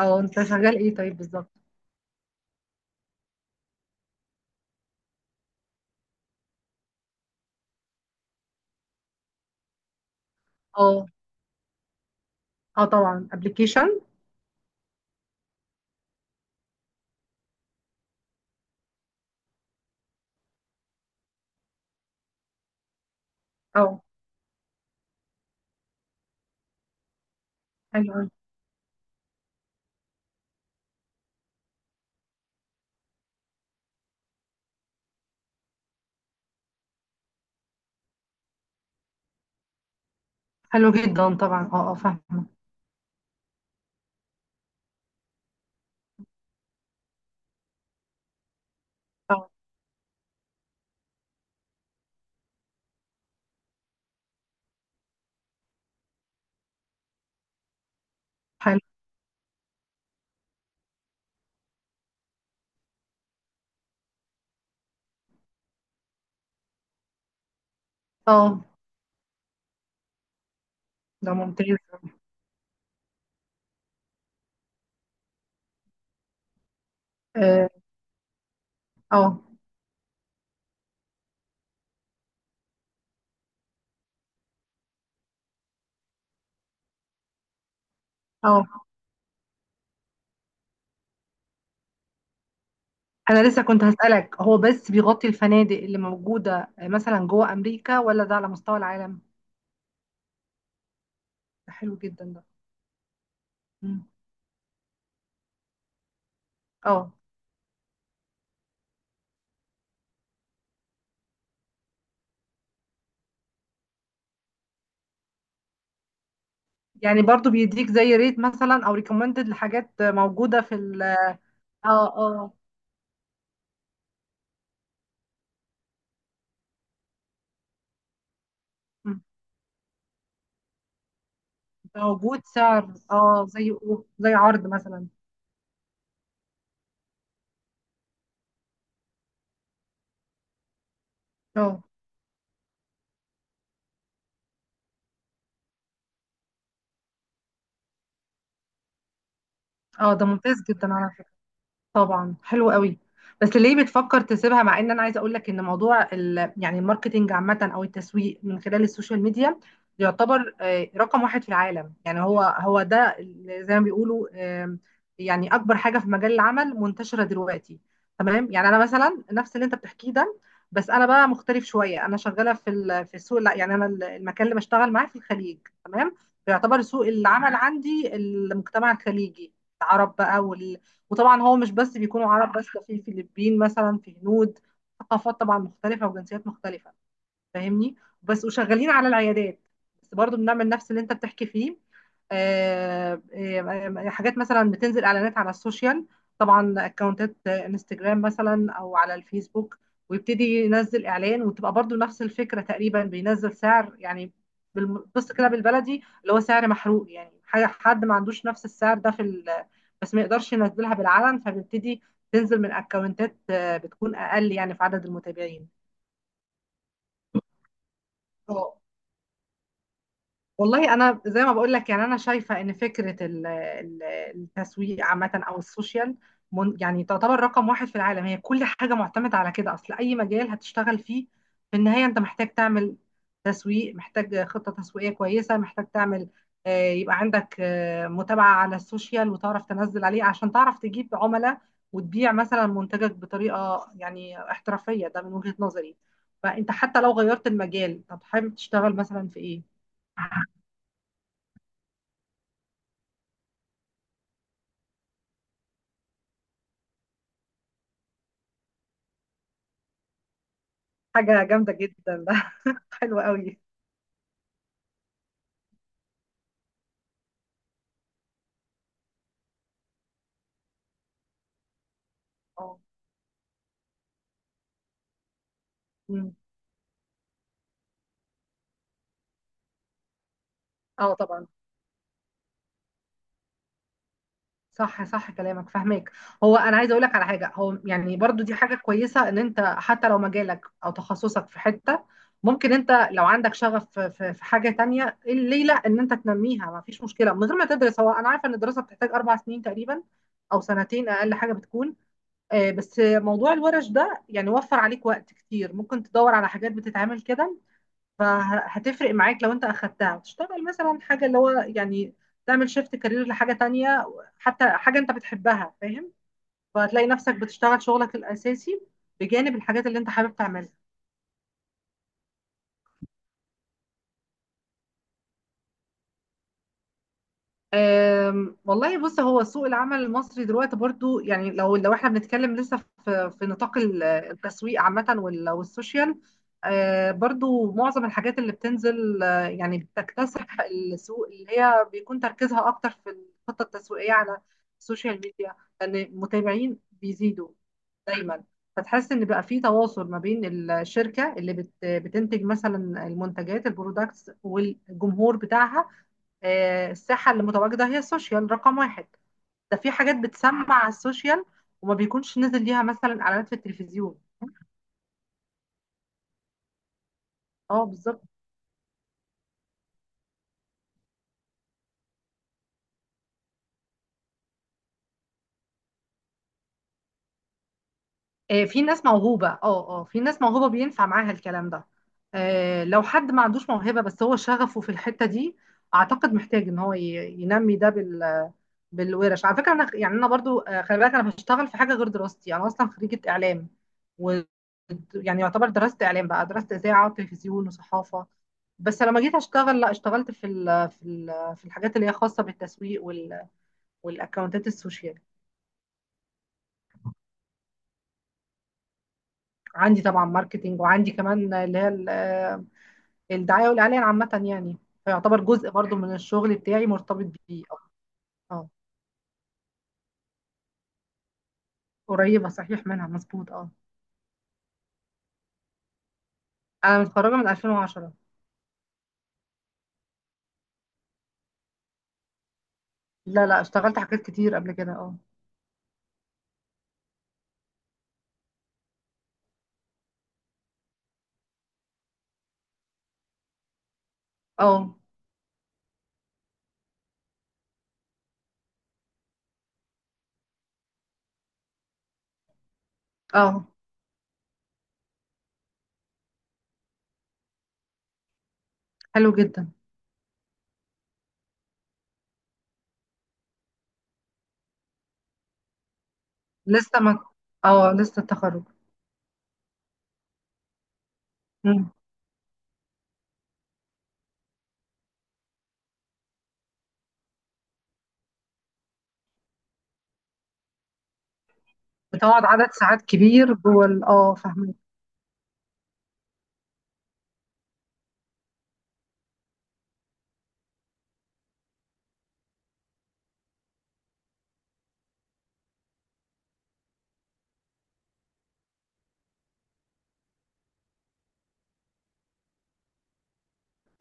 او انت شغال ايه طيب بالظبط. اه، اه، طبعا ابلكيشن. اه. حلو أوي. حلو جدا طبعا، اه، اه، فاهمه. اه. حلو. اه. ده ممتاز. اه، اه، آه. انا لسه كنت هسألك، هو بس بيغطي الفنادق اللي موجودة مثلا جوه امريكا ولا ده على مستوى العالم؟ ده حلو جدا ده. مم. اه، يعني برضو بيديك زي ريت مثلا او ريكومندد لحاجات موجودة في ال... اه، اه، مم. موجود سعر، زي عرض مثلا. اه. ده ممتاز جدًا على. طبعا حلو قوي. بس ليه بتفكر تسيبها، مع ان انا عايزه اقول لك ان موضوع يعني الماركتينج عامه او التسويق من خلال السوشيال ميديا، يعتبر رقم واحد في العالم، يعني هو هو ده اللي زي ما بيقولوا. آم، يعني اكبر حاجه في مجال العمل منتشره دلوقتي. تمام، يعني انا مثلا نفس اللي انت بتحكيه ده. بس انا بقى مختلف شويه، انا شغاله في السوق، لا يعني انا المكان اللي بشتغل معاه في الخليج. تمام. فيعتبر سوق العمل عندي المجتمع الخليجي، العرب بقى. وطبعا هو مش بس بيكونوا عرب، بس ده في فلبين مثلا، في هنود. ثقافات طبعا مختلفة وجنسيات مختلفة. فاهمني؟ بس وشغالين على العيادات. بس برضو بنعمل نفس اللي انت بتحكي فيه. آه، آه، آه، حاجات مثلا بتنزل اعلانات على السوشيال. طبعا اكونتات انستجرام، مثلا، او على الفيسبوك. ويبتدي ينزل اعلان، وتبقى برضو نفس الفكره تقريبا، بينزل سعر يعني. بص كده بالبلدي اللي هو سعر محروق، يعني حاجه حد ما عندوش نفس السعر ده بس ما يقدرش ينزلها بالعلن فبيبتدي. تنزل من اكونتات بتكون اقل يعني في عدد المتابعين. والله انا زي ما بقول لك، يعني انا شايفه ان فكره التسويق عامه او السوشيال، يعني تعتبر رقم واحد في العالم، هي كل حاجه معتمده على كده، اصل اي مجال هتشتغل فيه. في النهايه انت محتاج تعمل تسويق، محتاج خطه تسويقيه كويسه، محتاج تعمل. يبقى عندك متابعه على السوشيال، وتعرف تنزل عليه عشان تعرف تجيب عملاء، وتبيع مثلا منتجك بطريقه يعني احترافيه، ده من وجهه نظري. فانت حتى لو غيرت المجال، طب حابب تشتغل مثلا في ايه؟ حاجة جامدة جدا ده. حلو قوي. اه. مم. اه، طبعا. صح، صح، كلامك فاهمك. هو انا عايزه اقول لك على حاجه، هو يعني برضو دي حاجه كويسه ان انت حتى لو مجالك او تخصصك في حته، ممكن انت لو عندك شغف في حاجه تانية، إيه ليه لا ان انت تنميها، ما فيش مشكله من غير ما تدرس. هو انا عارفه ان الدراسه بتحتاج 4 سنين تقريبا، او سنتين اقل حاجه بتكون. بس موضوع الورش ده يعني وفر عليك وقت كتير، ممكن تدور على حاجات بتتعمل كده. فهتفرق معاك لو انت اخدتها، تشتغل مثلا حاجه، اللي هو يعني تعمل شيفت كارير لحاجه تانية، حتى حاجه انت بتحبها، فاهم؟ فهتلاقي نفسك بتشتغل شغلك الاساسي بجانب الحاجات اللي انت حابب تعملها. والله بص، هو سوق العمل المصري دلوقتي برضو، يعني لو احنا بنتكلم لسه في نطاق التسويق عامة والسوشيال. برضو معظم الحاجات اللي بتنزل يعني بتكتسح السوق، اللي هي بيكون تركيزها اكتر في الخطة التسويقية على السوشيال ميديا، لان المتابعين بيزيدوا دايما. فتحس ان بقى في تواصل ما بين الشركة اللي بتنتج مثلا المنتجات، البرودكتس، والجمهور بتاعها. الساحة اللي متواجدة هي السوشيال رقم واحد. ده في حاجات بتسمع على السوشيال، وما بيكونش نزل ليها مثلا اعلانات في التلفزيون. اه، بالظبط. في ناس موهوبة، اه. اه، في ناس موهوبة بينفع معاها الكلام ده. لو حد ما عندوش موهبة، بس هو شغفه في الحتة دي، اعتقد محتاج ان هو ينمي ده بالورش. على فكره، انا يعني انا برضو خلي بالك انا بشتغل في حاجه غير دراستي، انا اصلا خريجه اعلام. و يعني يعتبر درست اعلام بقى، درست اذاعه وتلفزيون وصحافه. بس لما جيت اشتغل، لا اشتغلت في الحاجات اللي هي خاصه بالتسويق والاكونتات السوشيال. عندي طبعا ماركتينج، وعندي كمان اللي هي الدعايه والاعلان عامه يعني. فيعتبر جزء برضو من الشغل بتاعي مرتبط بيه، اه. آه، قريبه صحيح منها، مظبوط، اه. انا متخرجه من 2010. لا، لا، اشتغلت حاجات كتير قبل كده، اه. اه، اه، حلو جدا. لسه ما. اه، لسه التخرج. مم. بتقعد عدد ساعات كبير جوه اه، فاهمه.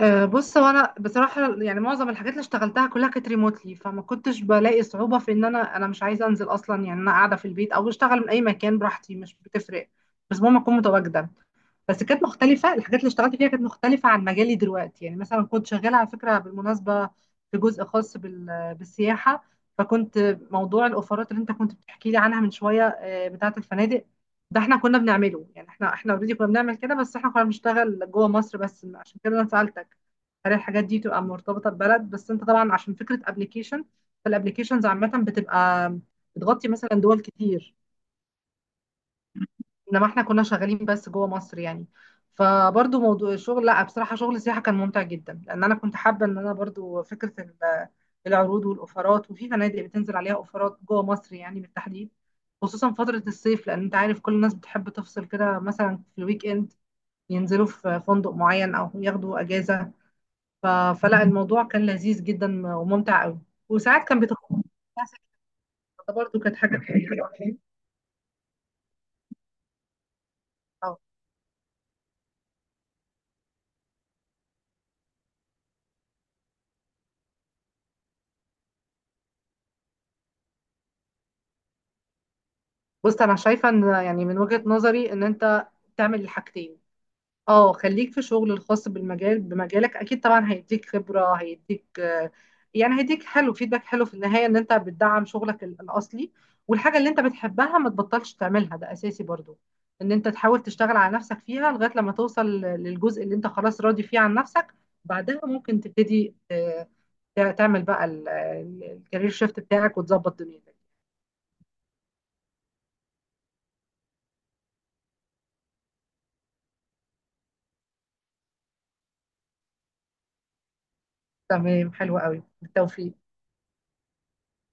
بص، هو انا بصراحه يعني معظم الحاجات اللي اشتغلتها كلها كانت ريموتلي، فما كنتش بلاقي صعوبه في ان انا مش عايزه انزل اصلا، يعني انا قاعده في البيت او اشتغل من اي مكان براحتي، مش بتفرق. بس المهم اكون متواجده. بس كانت مختلفة، الحاجات اللي اشتغلت فيها كانت مختلفة عن مجالي دلوقتي، يعني مثلا كنت شغالة على فكرة، بالمناسبة، في جزء خاص بالسياحة. فكنت موضوع الأوفرات اللي أنت كنت بتحكي لي عنها من شوية، بتاعة الفنادق، ده احنا كنا بنعمله، يعني احنا اوريدي كنا بنعمل كده، بس احنا كنا بنشتغل جوه مصر بس، عشان كده انا سألتك، هل الحاجات دي تبقى مرتبطة ببلد بس، انت طبعا عشان فكرة ابلكيشن، فالابلكيشنز عامة بتبقى بتغطي مثلا دول كتير. انما احنا كنا شغالين بس جوه مصر، يعني. فبرضو موضوع الشغل، لا بصراحة شغل السياحة كان ممتع جدا، لان انا كنت حابة ان انا برضو فكرة العروض والاوفرات، وفي فنادق بتنزل عليها اوفرات جوه مصر يعني، بالتحديد، خصوصا فترة الصيف، لان انت عارف كل الناس بتحب تفصل كده مثلا في الويك اند، ينزلوا في فندق معين او ياخدوا اجازة. ف... فلا، الموضوع كان لذيذ جدا وممتع قوي، وساعات كان بيتخصص برضو، كانت حاجة كويسة. بص، انا شايفه ان يعني من وجهه نظري، ان انت تعمل الحاجتين. اه، خليك في شغل الخاص بالمجال، بمجالك اكيد طبعا هيديك خبره، هيديك يعني هيديك حلو، فيدباك حلو في النهايه، ان انت بتدعم شغلك الاصلي، والحاجه اللي انت بتحبها ما تبطلش تعملها، ده اساسي برضو، ان انت تحاول تشتغل على نفسك فيها لغايه لما توصل للجزء اللي انت خلاص راضي فيه عن نفسك. بعدها ممكن تبتدي تعمل بقى الكارير شيفت بتاعك وتظبط دنيتك. تمام، حلو قوي، بالتوفيق.